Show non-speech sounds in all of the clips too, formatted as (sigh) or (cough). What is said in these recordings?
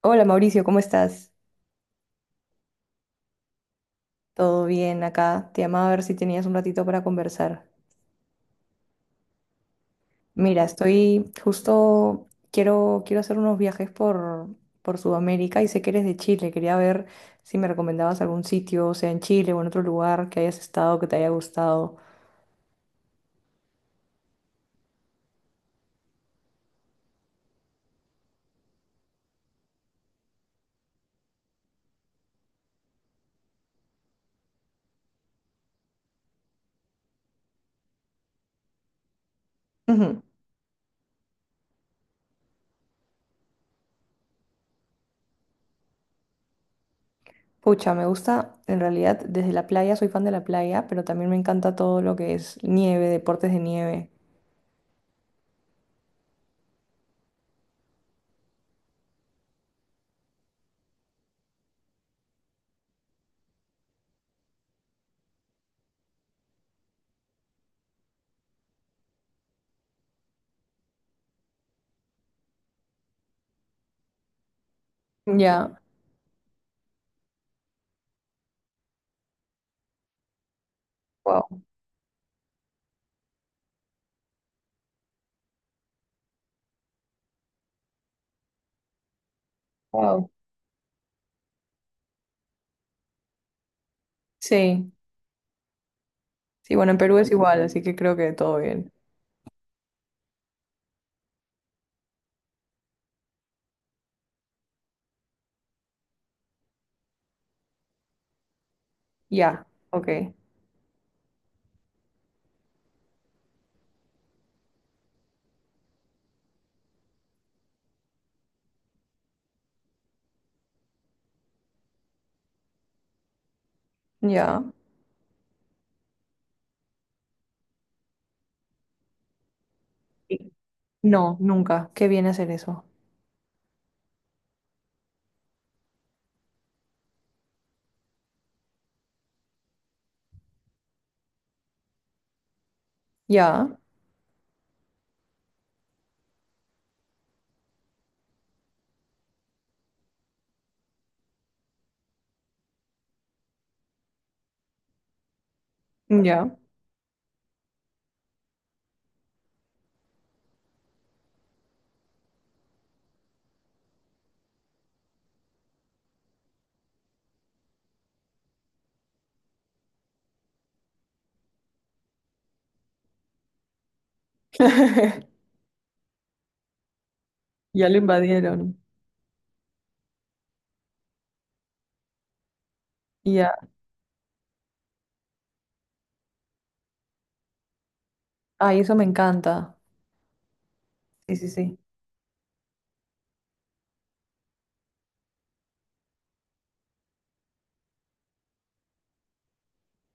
Hola Mauricio, ¿cómo estás? ¿Todo bien acá? Te llamaba a ver si tenías un ratito para conversar. Mira, estoy justo, quiero hacer unos viajes por Sudamérica y sé que eres de Chile. Quería ver si me recomendabas algún sitio, sea en Chile o en otro lugar que hayas estado, que te haya gustado. Ujú. Pucha, me gusta, en realidad, desde la playa, soy fan de la playa, pero también me encanta todo lo que es nieve, deportes de nieve. Ya, wow, wow. Sí, sí, bueno, en Perú es igual, así que creo que todo bien. Ya, ok, ya. Y- No, nunca. Qué viene a ser eso. Ya, ya. (laughs) Ya lo invadieron. Ya. Ay, eso me encanta. Sí, sí, sí.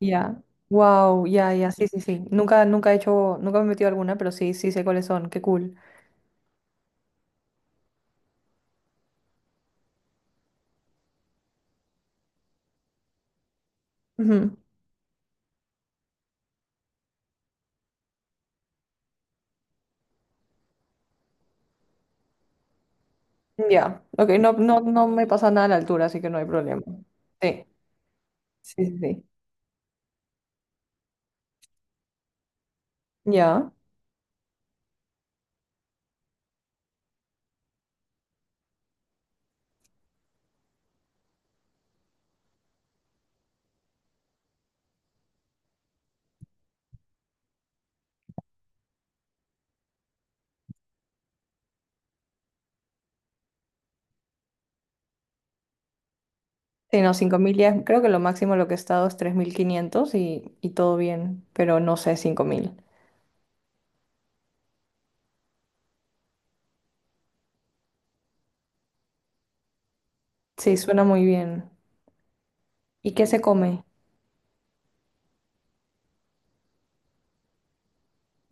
Ya. Wow, ya, ya, sí, sí, sí. Nunca, nunca he hecho, nunca me he metido a alguna, pero sí, sí sé cuáles son. Qué cool. Ujú. Ya. Ok, no, no, no me pasa nada a la altura, así que no hay problema. Sí, sí, sí, sí. Ya. Sí, no, 5.000 ya, creo que lo máximo lo que he estado es 3.500 y todo bien, pero no sé, 5.000. Sí, suena muy bien. ¿Y qué se come?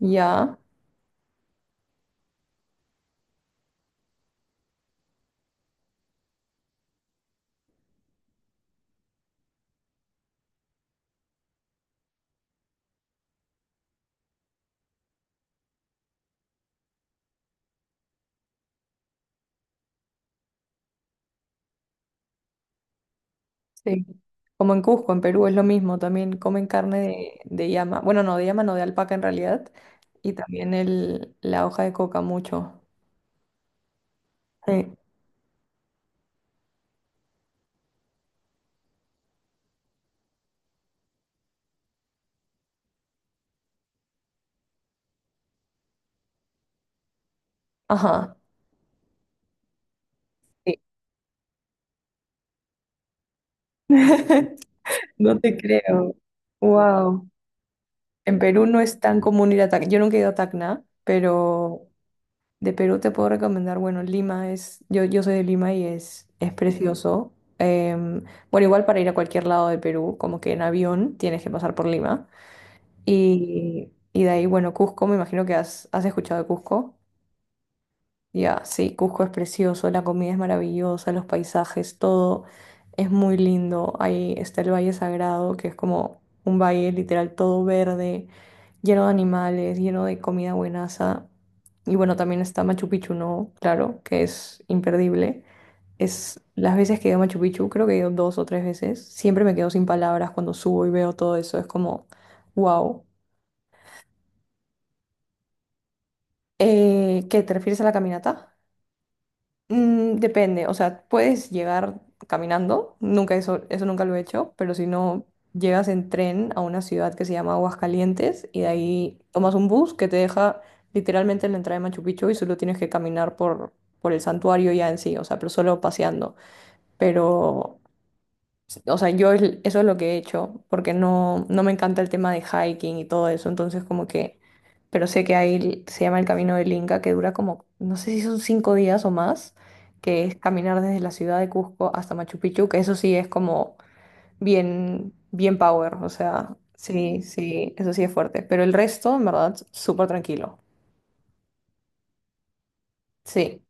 Ya, sí. Como en Cusco, en Perú, es lo mismo. También comen carne de llama. Bueno, no, de llama, no, de alpaca en realidad. Y también la hoja de coca mucho. Sí. Ajá. Sí. (laughs) No te creo. Wow. En Perú no es tan común ir a Tacna. Yo nunca he ido a Tacna, pero. De Perú te puedo recomendar, bueno, Lima es, yo soy de Lima y es precioso. Em, bueno, igual para ir a cualquier lado de Perú, como que en avión tienes que pasar por Lima. Y de ahí, bueno, Cusco, me imagino que has escuchado de Cusco. Ya, sí, Cusco es precioso, la comida es maravillosa, los paisajes, todo es muy lindo. Ahí está el Valle Sagrado, que es como un valle literal todo verde, lleno de animales, lleno de comida buenaza. Y bueno, también está Machu Picchu, ¿no? Claro, que es imperdible. Es las veces que he ido a Machu Picchu, creo que he ido dos o tres veces, siempre me quedo sin palabras cuando subo y veo todo eso, es como, wow. ¿Qué te refieres a la caminata? Depende, o sea, puedes llegar caminando, nunca eso, eso nunca lo he hecho, pero si no, llegas en tren a una ciudad que se llama Aguascalientes y de ahí tomas un bus que te deja literalmente en la entrada de Machu Picchu y solo tienes que caminar por el santuario ya en sí, o sea, pero solo paseando. Pero o sea, yo eso es lo que he hecho, porque no, no me encanta el tema de hiking y todo eso, entonces como que, pero sé que ahí se llama el Camino del Inca, que dura como, no sé si son 5 días o más, que es caminar desde la ciudad de Cusco hasta Machu Picchu, que eso sí es como bien, bien power, o sea, sí, sí, eso sí es fuerte, pero el resto, en verdad, súper tranquilo. Sí,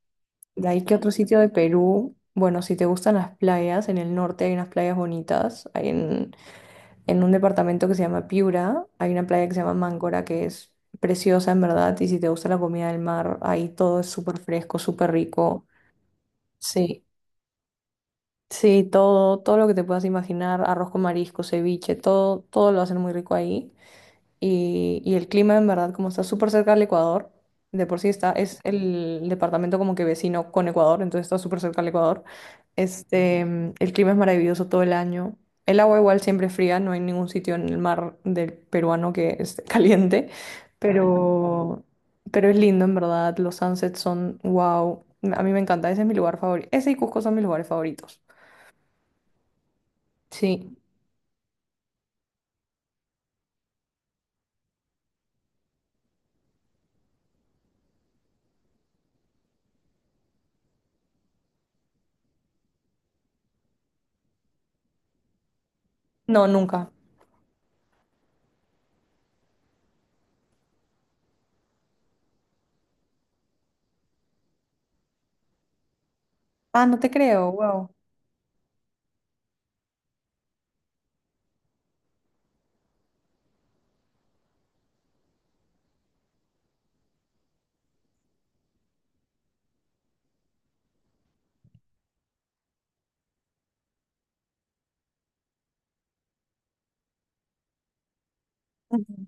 de ahí que otro sitio de Perú, bueno, si te gustan las playas, en el norte hay unas playas bonitas, hay en un departamento que se llama Piura. Hay una playa que se llama Máncora que es preciosa en verdad y si te gusta la comida del mar, ahí todo es súper fresco, súper rico. Sí, sí, todo, todo lo que te puedas imaginar, arroz con marisco, ceviche, todo, todo lo hacen muy rico ahí. Y el clima, en verdad, como está súper cerca del Ecuador, de por sí es el departamento como que vecino con Ecuador, entonces está súper cerca del Ecuador. Este, el clima es maravilloso todo el año. El agua igual siempre es fría, no hay ningún sitio en el mar del peruano que esté (laughs) caliente, pero, pero es lindo, en verdad. Los sunsets son wow. A mí me encanta, ese es mi lugar favorito. Ese y Cusco son mis lugares favoritos. Sí, no, nunca. Ah, no te creo, wow. Ujú.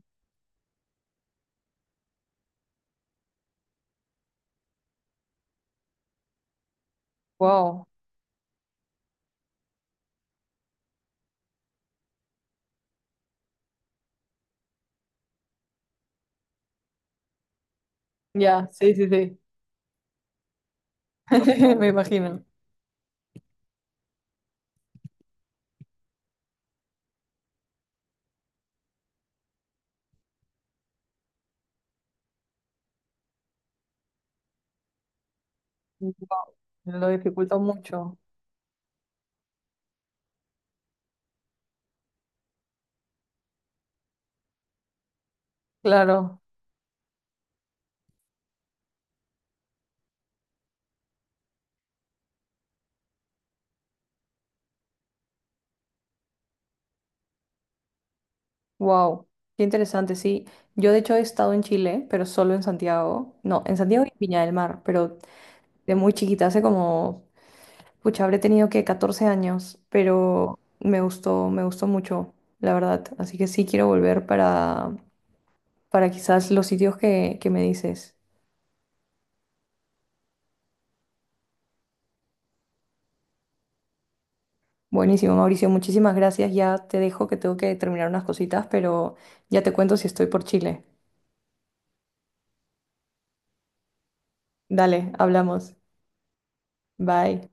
Wow, ya, sí, sí, sí. (laughs) Me imagino. Wow. Lo dificulta mucho. Claro. Wow. Qué interesante, sí. Yo de hecho he estado en Chile, pero solo en Santiago. No, en Santiago y Viña del Mar, pero de muy chiquita, hace como, pucha, habré tenido que 14 años, pero me gustó mucho, la verdad. Así que sí quiero volver para quizás los sitios que me dices. Buenísimo, Mauricio, muchísimas gracias. Ya te dejo que tengo que terminar unas cositas, pero ya te cuento si estoy por Chile. Dale, hablamos. Bye.